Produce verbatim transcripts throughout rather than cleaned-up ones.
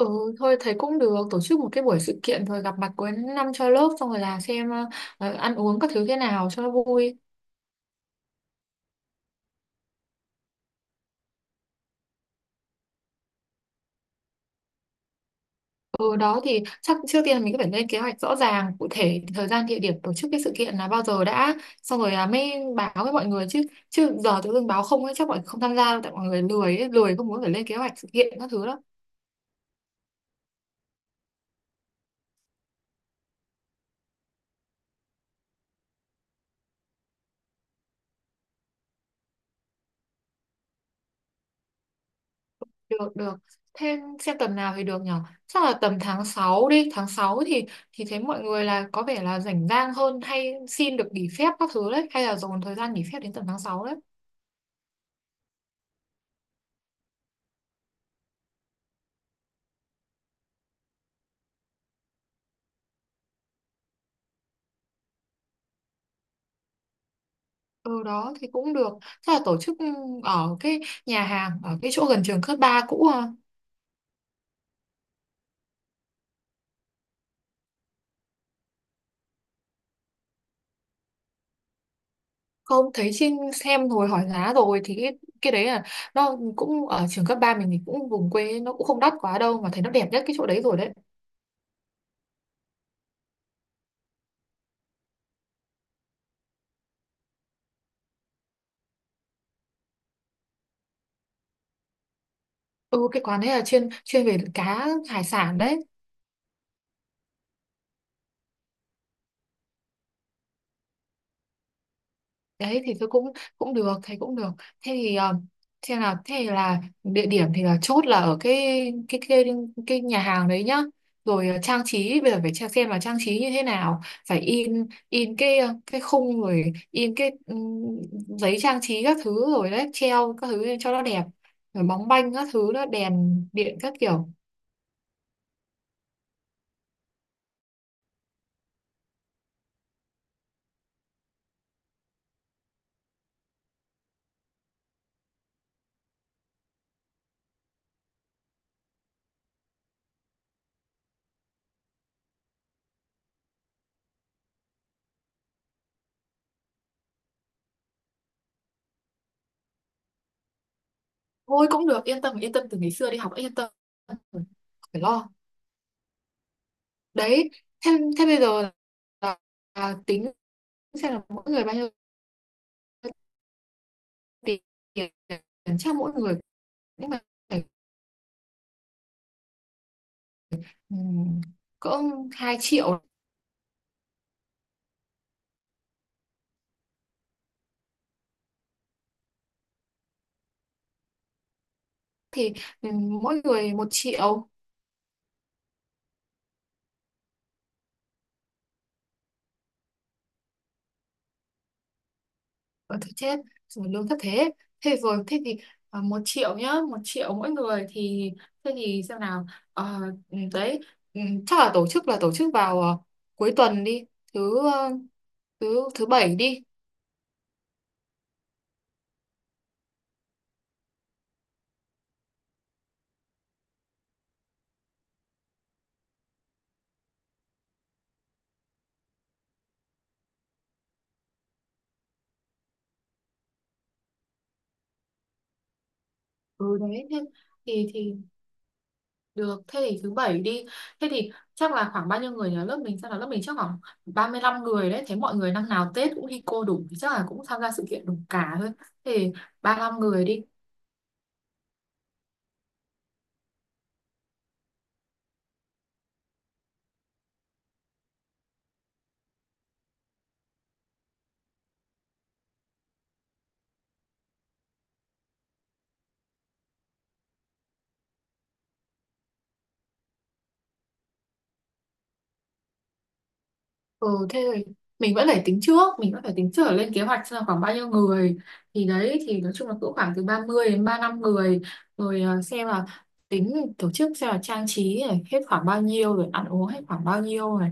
Ừ, thôi thấy cũng được tổ chức một cái buổi sự kiện rồi gặp mặt cuối năm cho lớp xong rồi là xem ờ, ờ, ăn uống các thứ thế nào cho nó vui. Ừ đó thì chắc trước tiên mình cứ phải lên kế hoạch rõ ràng cụ thể thời gian địa điểm tổ chức cái sự kiện là bao giờ đã, xong rồi là mới báo với mọi người chứ chứ giờ tự dưng báo không ấy chắc mọi người không tham gia đâu tại mọi người lười ấy, lười không muốn phải lên kế hoạch sự kiện các thứ đâu. Được được, thêm xem tuần nào thì được nhở. Chắc là tầm tháng sáu đi, tháng sáu thì thì thấy mọi người là có vẻ là rảnh rang hơn hay xin được nghỉ phép các thứ đấy, hay là dồn thời gian nghỉ phép đến tầm tháng sáu đấy. Ừ đó thì cũng được. Chắc là tổ chức ừ, ở cái nhà hàng ở cái chỗ gần trường cấp ba cũ à. Không, thấy trên xem rồi hỏi giá rồi thì cái, cái đấy là nó cũng ở trường cấp ba mình thì cũng vùng quê nó cũng không đắt quá đâu, mà thấy nó đẹp nhất cái chỗ đấy rồi đấy. Ừ, cái quán đấy là chuyên chuyên về cá hải sản đấy. Đấy thì tôi cũng cũng được, thấy cũng được, thế thì ờ, thế là thế là địa điểm thì là chốt là ở cái cái cái cái nhà hàng đấy nhá. Rồi ờ, trang trí bây giờ phải tra- xem là trang trí như thế nào, phải in in cái ờ, cái khung rồi in cái ừm, giấy trang trí các thứ rồi đấy treo các thứ lên cho nó đẹp, rồi bóng banh các thứ đó đèn điện các kiểu. Thôi cũng được, yên tâm yên tâm, từ ngày xưa đi học đã yên tâm rồi, không phải lo. Đấy thế thế bây giờ là là tính xem là mỗi người bao nhiêu tiền. Chắc mỗi người nhưng mà phải cỡ hai triệu. Thì ừm, mỗi người một triệu. Ở thôi chết rồi, lương thấp thế. Thế rồi thế thì ờ, một triệu nhá, một triệu mỗi người. Thì thế thì xem nào. Ờ, đấy, ừm, chắc là tổ chức là tổ chức vào ờ, cuối tuần đi, thứ ờ, thứ thứ bảy đi. Ừ đấy thế thì thì được, thế thì thứ bảy đi. Thế thì chắc là khoảng bao nhiêu người nhờ lớp mình? Sao là lớp mình chắc khoảng ba mươi lăm người đấy. Thế mọi người năm nào Tết cũng đi cô đủ thì chắc là cũng tham gia sự kiện đủ cả thôi. Thế thì ba lăm người đi. Ừ, thế rồi mình vẫn phải tính trước, mình vẫn phải tính trước lên kế hoạch xem là khoảng bao nhiêu người. Thì đấy thì nói chung là cứ khoảng từ ba mươi đến ba lăm người. Rồi ờ, xem là tính tổ chức xem là trang trí này hết khoảng bao nhiêu rồi ăn uống hết khoảng bao nhiêu này.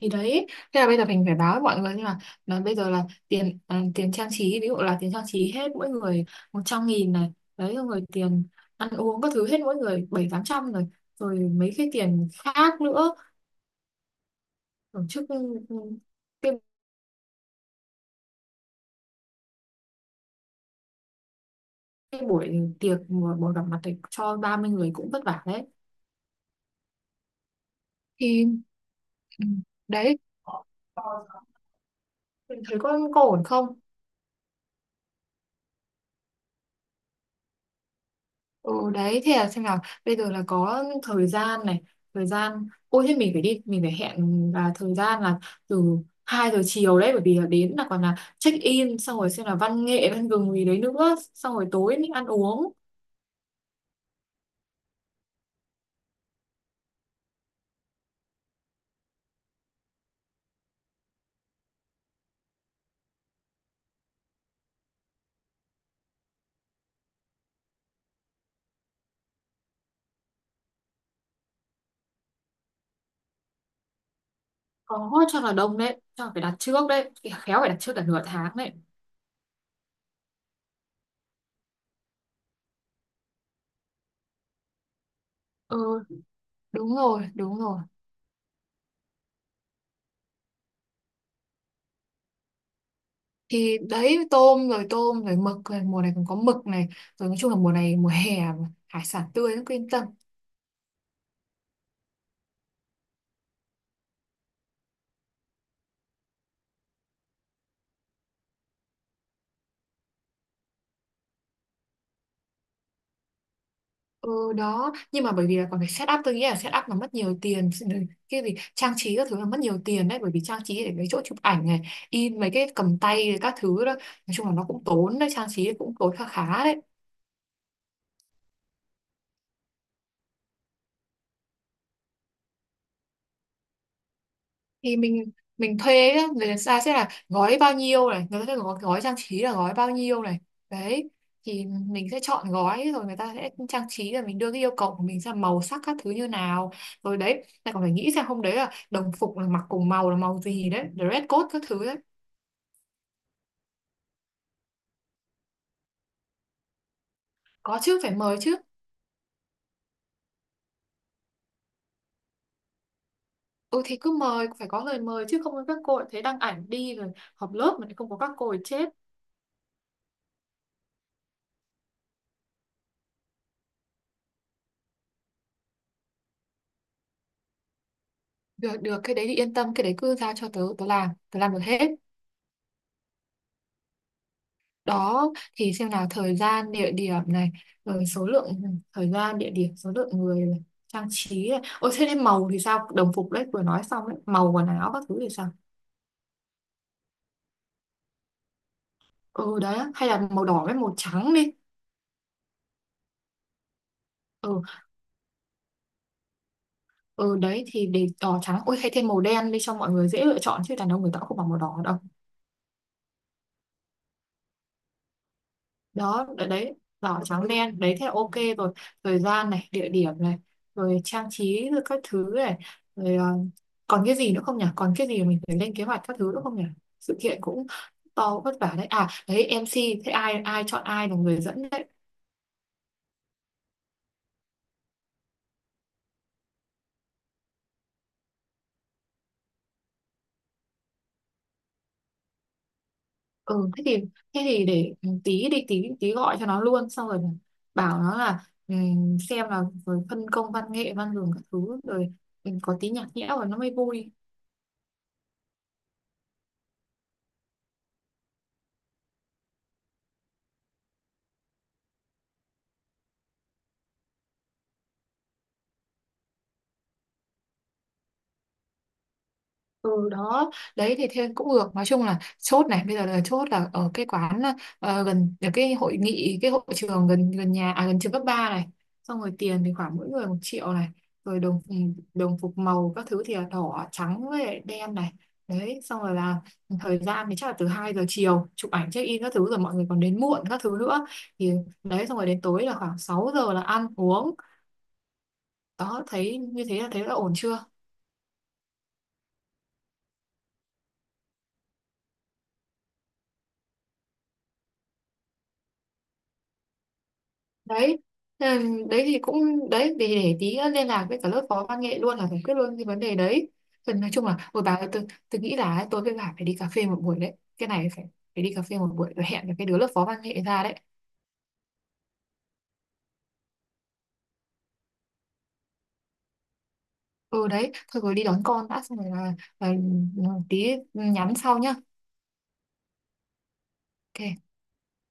Thì đấy thế là bây giờ mình phải báo với mọi người nhưng mà, mà bây giờ là tiền à, tiền trang trí ví dụ là tiền trang trí hết mỗi người một trăm nghìn này, đấy rồi người tiền ăn uống các thứ hết mỗi người bảy tám trăm rồi, rồi mấy cái tiền khác nữa. Tổ chức ừ, ừ, cái, cái buổi tiệc mà buổi gặp mặt thì cho ba mươi người cũng vất vả đấy. Thì ừ, đấy mình thấy có, có ổn không. Ừ đấy thế là xem nào, bây giờ là có thời gian này, thời gian ôi thế mình phải đi mình phải hẹn là thời gian là từ hai giờ chiều đấy, bởi vì là đến là còn là check in xong rồi xem là văn nghệ văn gừng gì đấy nữa xong rồi tối mình ăn uống. Có, chắc là đông đấy, chắc là phải đặt trước đấy, khéo phải đặt trước cả nửa tháng đấy. Ừ đúng rồi đúng rồi, thì đấy, tôm rồi tôm rồi mực rồi, mùa này còn có mực này, rồi nói chung là mùa này mùa hè mà, hải sản tươi lắm, cứ yên tâm. Ừ đó, nhưng mà bởi vì là còn phải set up, tôi nghĩ là set up nó mất nhiều tiền, cái gì trang trí các thứ là mất nhiều tiền đấy bởi vì trang trí để mấy chỗ chụp ảnh này, in mấy cái cầm tay các thứ đó, nói chung là nó cũng tốn đấy, trang trí cũng tốn khá khá đấy. Thì mình mình thuê nhá, người ta sẽ là gói bao nhiêu này, người ta sẽ gói, gói trang trí là gói bao nhiêu này đấy, thì mình sẽ chọn gói rồi người ta sẽ trang trí, rồi mình đưa cái yêu cầu của mình ra màu sắc các thứ như nào rồi đấy, lại còn phải nghĩ xem hôm đấy là đồng phục là mặc cùng màu là màu gì đấy, dress code các thứ đấy. Có chứ, phải mời chứ. Ừ thì cứ mời, phải có lời mời chứ không các cô lại thấy đăng ảnh đi rồi họp lớp mà lại không có các cô thì chết. Được được, cái đấy thì yên tâm, cái đấy cứ giao cho tớ, tớ làm tớ làm được hết. Đó thì xem nào, thời gian địa điểm này, rồi số lượng ừ, thời gian địa điểm số lượng người này, trang trí này. Ôi thế nên màu thì sao, đồng phục đấy vừa nói xong đấy, màu quần áo các thứ thì sao. Ừ đấy hay là màu đỏ với màu trắng đi. Ừ ừ, đấy thì để đỏ trắng, ôi hay thêm màu đen đi cho mọi người dễ lựa chọn, chứ đàn ông người ta cũng không bằng màu đỏ đâu. Đó đấy, đấy, đỏ trắng đen đấy thế là ok. Rồi thời gian này địa điểm này, rồi trang trí rồi các thứ này, rồi ờ, còn cái gì nữa không nhỉ, còn cái gì mình phải lên kế hoạch các thứ nữa không nhỉ, sự kiện cũng to vất vả đấy. À đấy, em xê thế ai ai chọn ai là người dẫn đấy. Ừ thế thì thế thì để ừ, tí đi tí tí gọi cho nó luôn xong rồi bảo nó là ừm, xem là rồi phân công văn nghệ văn đường các thứ rồi. Ừ, có tí nhạc nhẽo rồi nó mới vui. Ừ đó, đấy thì thêm cũng được. Nói chung là chốt này, bây giờ là chốt là ở cái quán ờ, gần ở cái hội nghị, cái hội trường gần gần nhà, à, gần trường cấp ba này. Xong rồi tiền thì khoảng mỗi người một triệu này. Rồi đồng ừ, đồng phục màu các thứ thì là đỏ, trắng với lại đen này. Đấy, xong rồi là thời gian thì chắc là từ hai giờ chiều chụp ảnh check in các thứ rồi mọi người còn đến muộn các thứ nữa. Thì đấy xong rồi đến tối là khoảng sáu giờ là ăn uống. Đó, thấy như thế là thấy là ổn chưa? Đấy thế là đấy thì cũng đấy, để để tí liên lạc với cả lớp phó văn nghệ luôn là giải quyết luôn cái vấn đề đấy. Phần nói chung là ôi bà ơi, tôi tôi nghĩ là ấy, tôi với bà phải đi cà phê một buổi đấy, cái này phải phải đi cà phê một buổi rồi hẹn với cái đứa lớp phó văn nghệ ra đấy. Ừ đấy thôi, rồi đi đón con đã xong rồi là, là, là tí nhắn sau nhá. Ok.